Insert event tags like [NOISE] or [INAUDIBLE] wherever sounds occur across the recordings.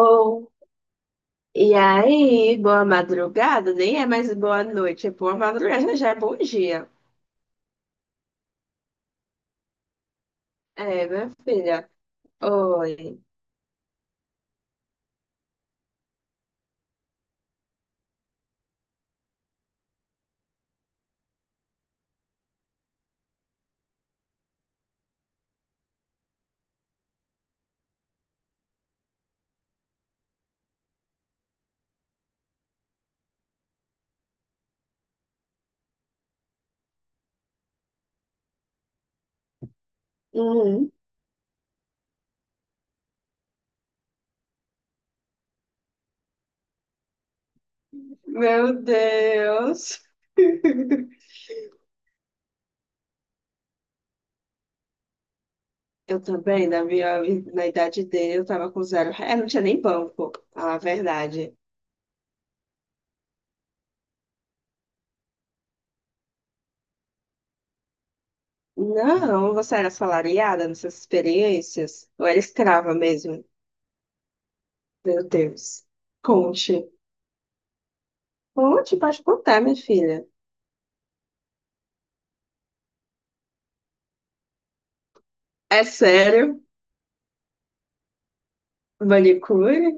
Ou, e aí, boa madrugada, nem é mais boa noite, é boa madrugada, [LAUGHS] já é bom dia. É, minha filha. Oi. Uhum. Meu Deus. [LAUGHS] Eu também, na minha, na idade dele, eu tava com zero. É, não tinha nem banco, a verdade. Não, você era assalariada nessas experiências? Ou era escrava mesmo? Meu Deus. Conte. Conte, pode contar, minha filha. É sério? Manicure?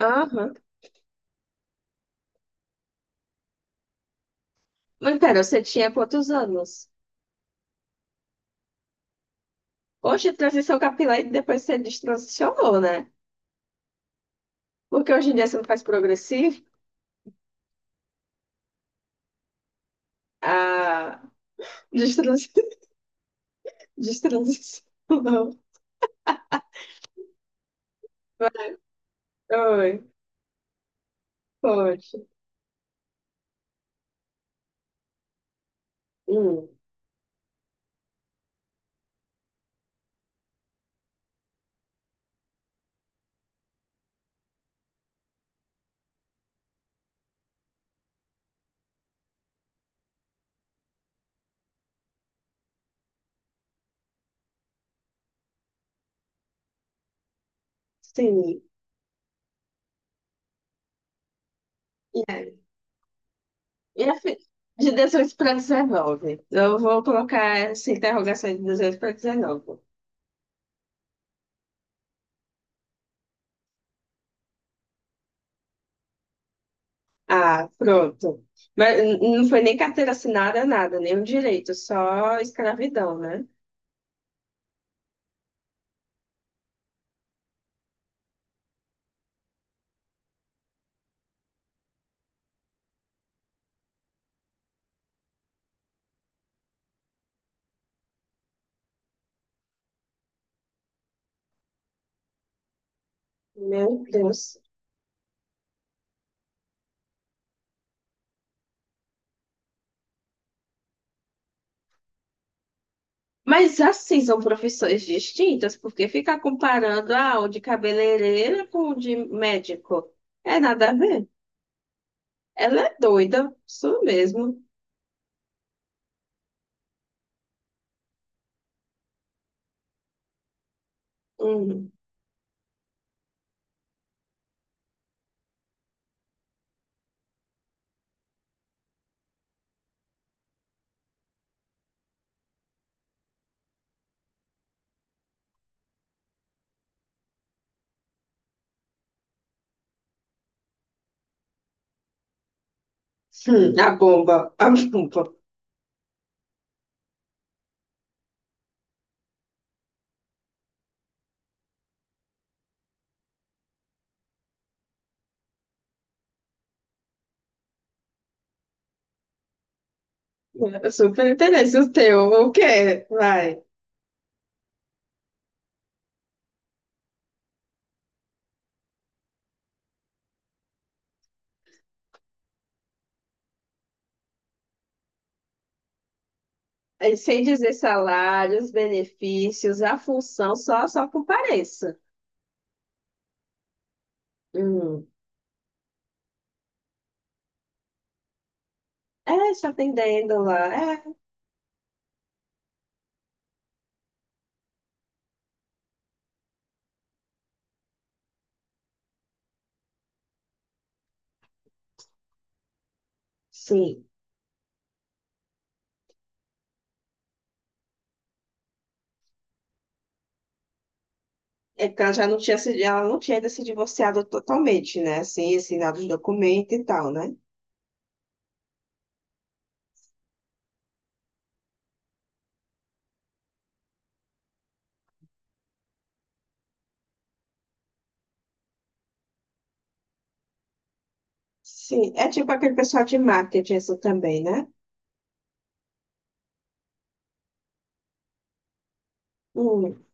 Aham. Mas pera, você tinha quantos anos? Hoje, transição capilar e depois você destransicionou, né? Porque hoje em dia você não faz progressivo. Ah, destrans... [LAUGHS] destransicionou. Oi, poxa. Hum, sim. E aí? E a fi- De 18 para 19. Eu vou colocar essa interrogação de 18 para 19. Ah, pronto. Mas não foi nem carteira assinada, nada, nenhum direito, só escravidão, né? Meu Deus. Mas assim são profissões distintas, porque ficar comparando ah, o de cabeleireira com o de médico é nada a ver. Ela é doida, isso mesmo. Hum. A bomba, a bomba. Eu super interesse o teu, o quê? Vai. Aí, sem dizer salários, benefícios, a função, só, só compareça. Hum. É, só atendendo lá. É, sim. É porque ela já não tinha se, ela não tinha ainda se divorciado totalmente, né? Assim, assinado os documentos e tal, né? Sim, é tipo aquele pessoal de marketing isso também, né? Hum,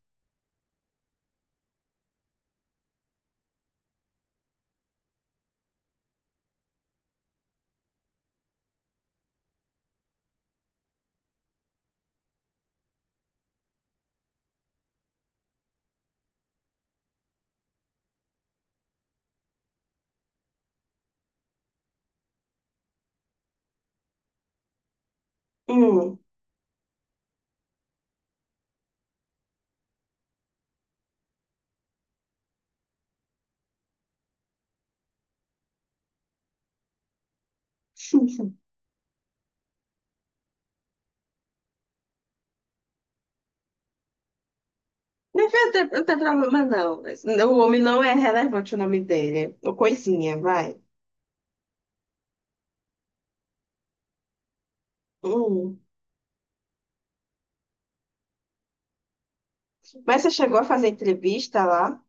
hum. Não tem, não tem problema, não. Mas o homem não é relevante o nome dele. O coisinha, vai. Hum. Mas você chegou a fazer entrevista lá?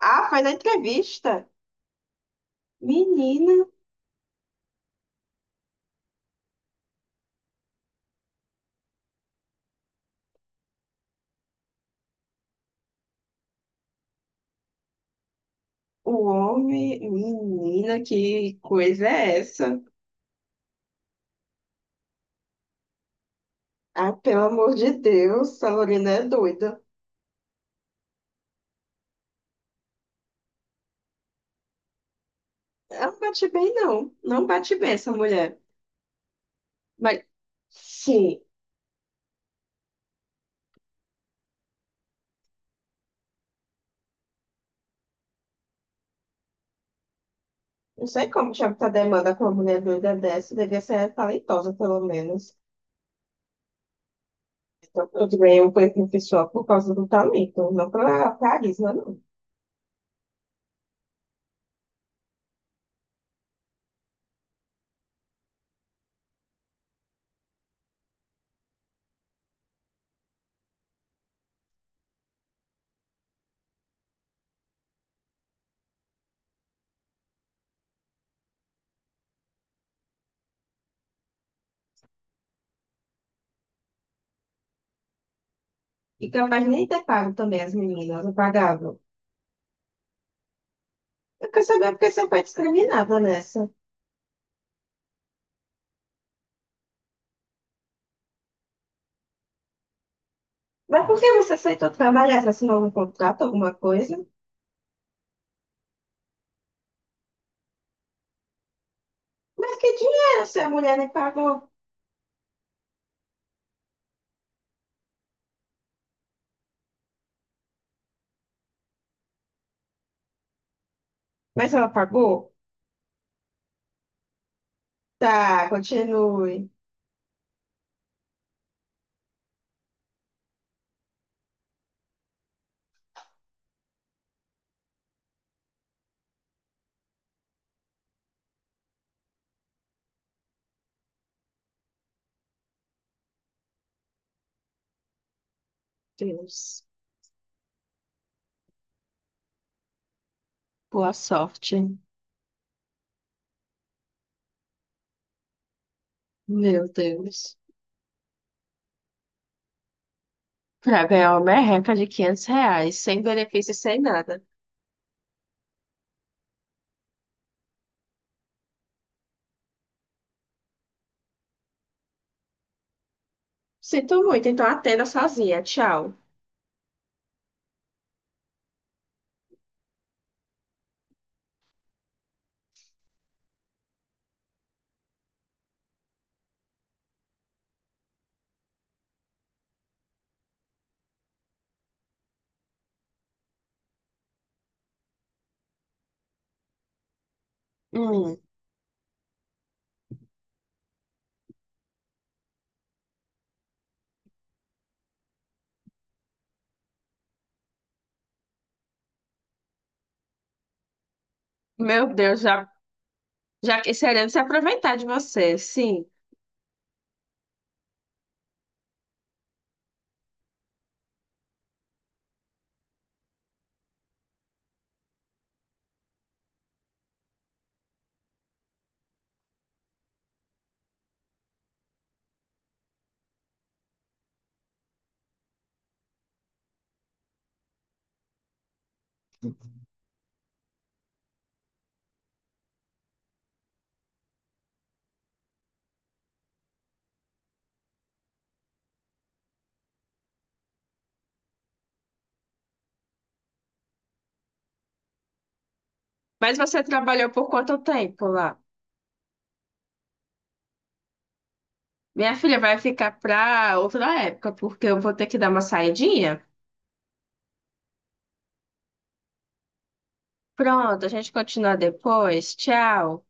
Ah, faz a entrevista. Menina, o homem, menina, que coisa é essa? Ah, pelo amor de Deus, essa Lorena é doida. Ela não bate bem, não. Não bate bem essa mulher. Mas, sim, não sei como tinha muita demanda com uma mulher doida dessa. Devia ser talentosa, pelo menos. Então, eu ganhei um conhecimento pessoal por causa do talento, não pela carisma, não. E capaz nem ter pago também as meninas, eu pagava. Eu quero saber porque você foi discriminada nessa. Mas por que você aceitou trabalhar? Você assinou um contrato, alguma coisa? Mas que dinheiro se a mulher nem pagou? Mas ela pagou? Tá, continue. Deus. Boa sorte. Meu Deus. Pra ganhar uma merreca de R$ 500, sem benefício, sem nada. Sinto muito, então atenda sozinha. Tchau. Hum, meu Deus, já, já querendo se aproveitar de você, sim. Mas você trabalhou por quanto tempo lá? Minha filha vai ficar pra outra época, porque eu vou ter que dar uma saidinha. Pronto, a gente continua depois. Tchau.